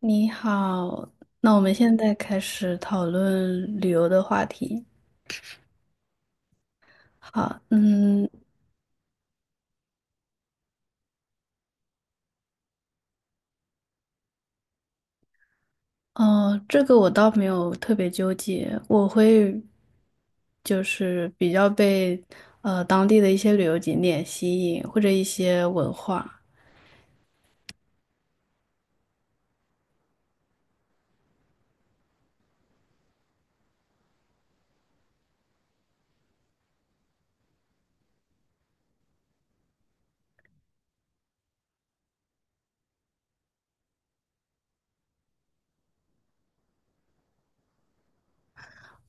你好，那我们现在开始讨论旅游的话题。好，哦，这个我倒没有特别纠结，我会就是比较被当地的一些旅游景点吸引，或者一些文化。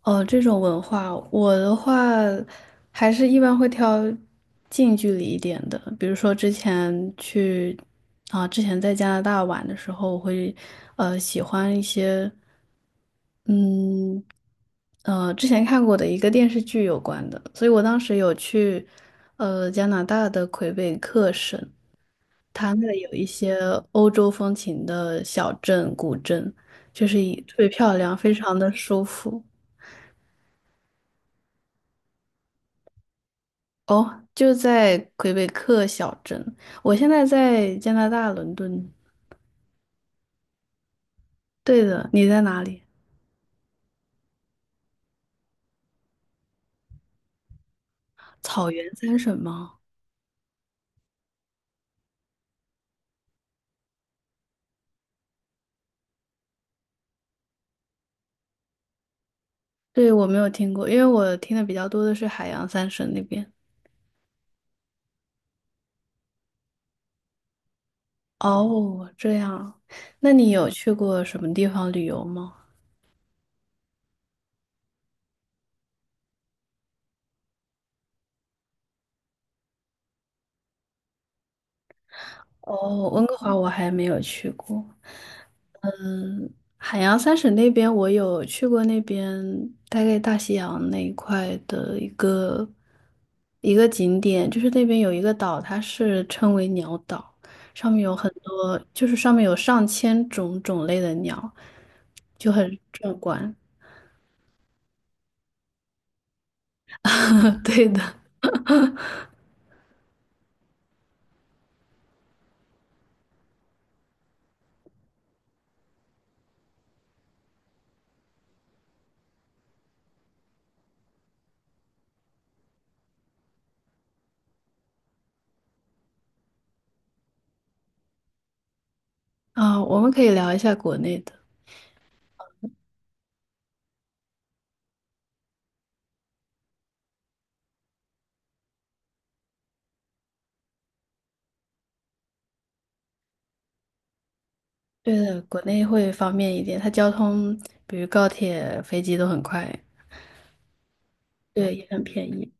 哦，这种文化，我的话还是一般会挑近距离一点的，比如说之前去啊，之前在加拿大玩的时候，我会喜欢一些。嗯，之前看过的一个电视剧有关的，所以我当时有去，加拿大的魁北克省，它那里有一些欧洲风情的小镇、古镇，就是一特别漂亮，非常的舒服。哦，就在魁北克小镇，我现在在加拿大伦敦。对的，你在哪里？草原三省吗？对，我没有听过，因为我听的比较多的是海洋三省那边。哦，这样，那你有去过什么地方旅游吗？哦，温哥华我还没有去过。嗯，海洋三省那边我有去过，那边大概大西洋那一块的一个景点，就是那边有一个岛，它是称为鸟岛，上面有很多，就是上面有上千种种类的鸟，就很壮观。对的，啊，我们可以聊一下国内的。对的，国内会方便一点，它交通，比如高铁、飞机都很快，对，也很便宜。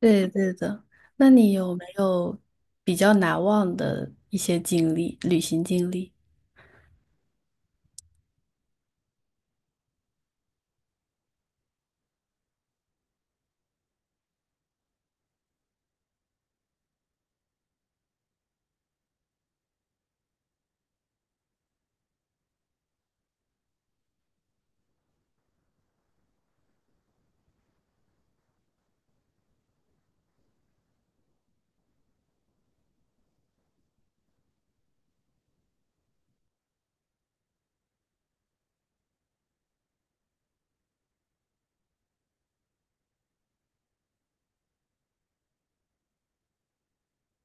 对对的，那你有没有比较难忘的一些经历，旅行经历？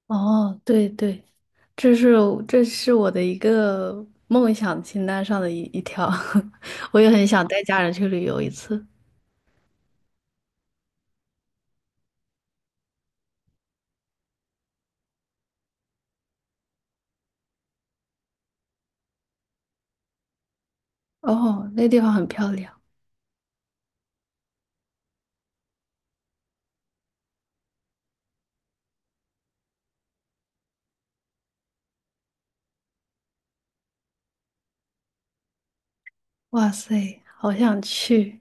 哦，对对，这是这是我的一个梦想清单上的一条，我也很想带家人去旅游一次。哦，那地方很漂亮，哇塞，好想去。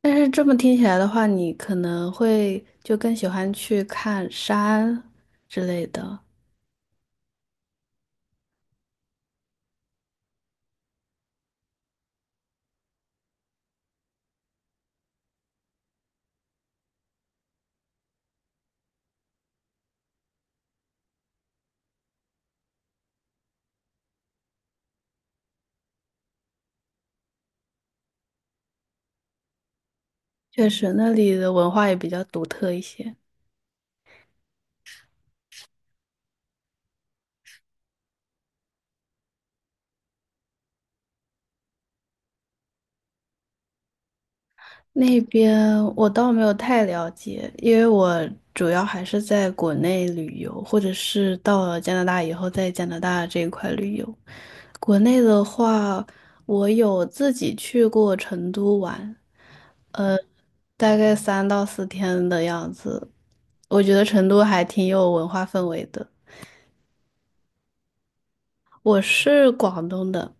但是这么听起来的话，你可能会就更喜欢去看山之类的。确实，那里的文化也比较独特一些。那边我倒没有太了解，因为我主要还是在国内旅游，或者是到了加拿大以后，在加拿大这一块旅游。国内的话，我有自己去过成都玩，呃，大概3到4天的样子。我觉得成都还挺有文化氛围的。我是广东的，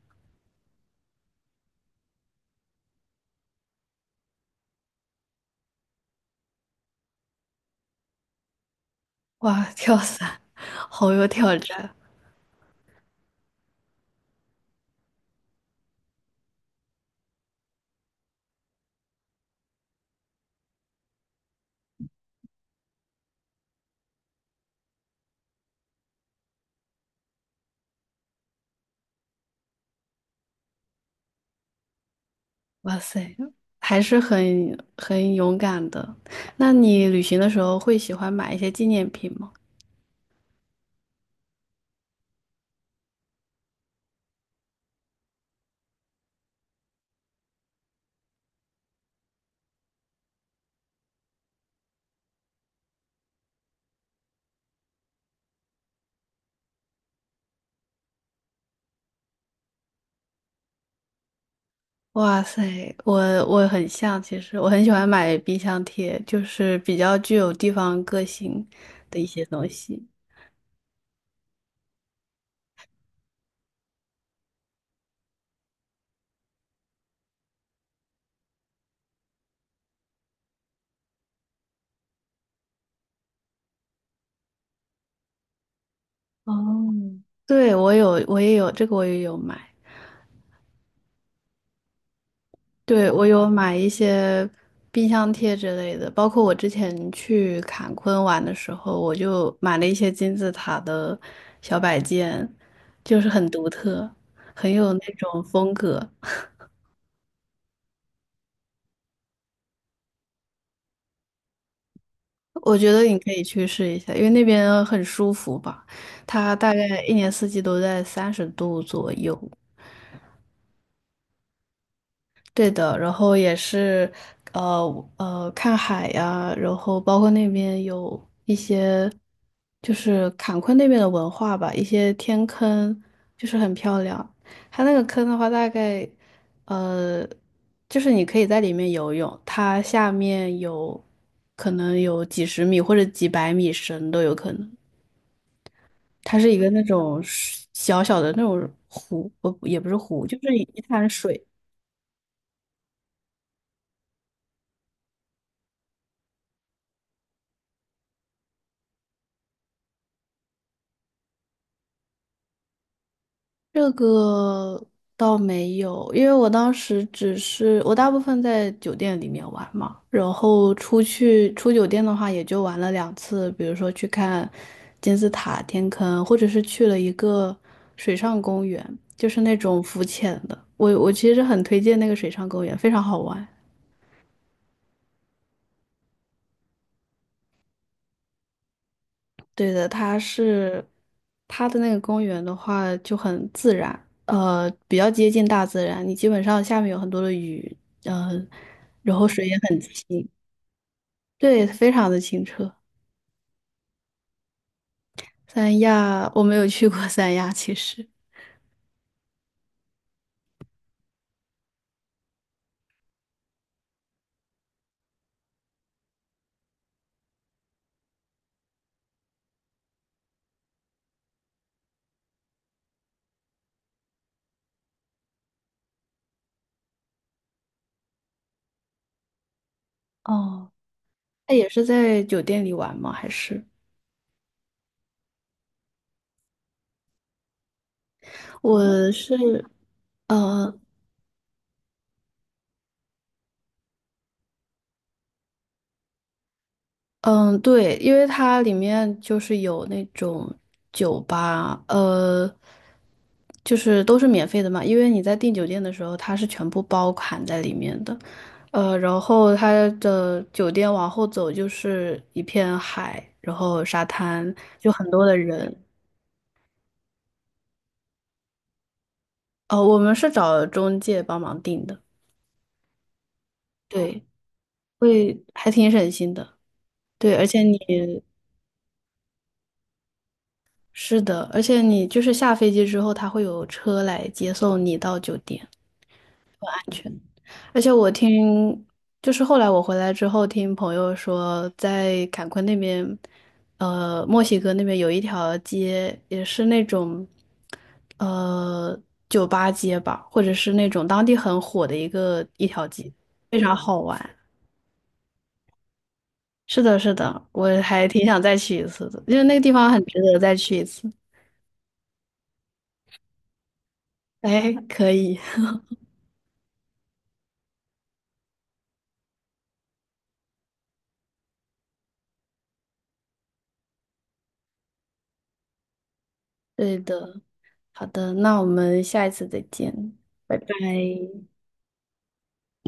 哇，跳伞好有挑战，哇塞，还是很勇敢的。那你旅行的时候会喜欢买一些纪念品吗？哇塞，我我很像，其实我很喜欢买冰箱贴，就是比较具有地方个性的一些东西。哦，对，我有，我也有，这个我也有买。对，我有买一些冰箱贴之类的，包括我之前去坎昆玩的时候，我就买了一些金字塔的小摆件，就是很独特，很有那种风格。我觉得你可以去试一下，因为那边很舒服吧，它大概一年四季都在30度左右。对的，然后也是，看海呀，然后包括那边有一些，就是坎昆那边的文化吧，一些天坑，就是很漂亮。它那个坑的话，大概，呃，就是你可以在里面游泳，它下面有可能有几十米或者几百米深都有可能。它是一个那种水小小的那种湖，不，也不是湖，就是一滩水。这个倒没有，因为我当时只是我大部分在酒店里面玩嘛，然后出去出酒店的话，也就玩了两次，比如说去看金字塔、天坑，或者是去了一个水上公园，就是那种浮潜的。我其实很推荐那个水上公园，非常好玩。对的，它的那个公园的话就很自然，比较接近大自然。你基本上下面有很多的雨，嗯、然后水也很清，对，非常的清澈。三亚我没有去过三亚，其实。哦，那也是在酒店里玩吗？还是我是嗯嗯，对，因为它里面就是有那种酒吧，就是都是免费的嘛，因为你在订酒店的时候，它是全部包含在里面的。然后它的酒店往后走就是一片海，然后沙滩，就很多的人。哦，我们是找中介帮忙订的，对，会还挺省心的。对，而且你是的，而且你就是下飞机之后，他会有车来接送你到酒店。而且我听，就是后来我回来之后，听朋友说，在坎昆那边，墨西哥那边有一条街，也是那种，呃，酒吧街吧，或者是那种当地很火的一条街，非常好玩。是的，是的，我还挺想再去一次的，因为那个地方很值得再去一次。哎，可以，对的，好的，那我们下一次再见，拜。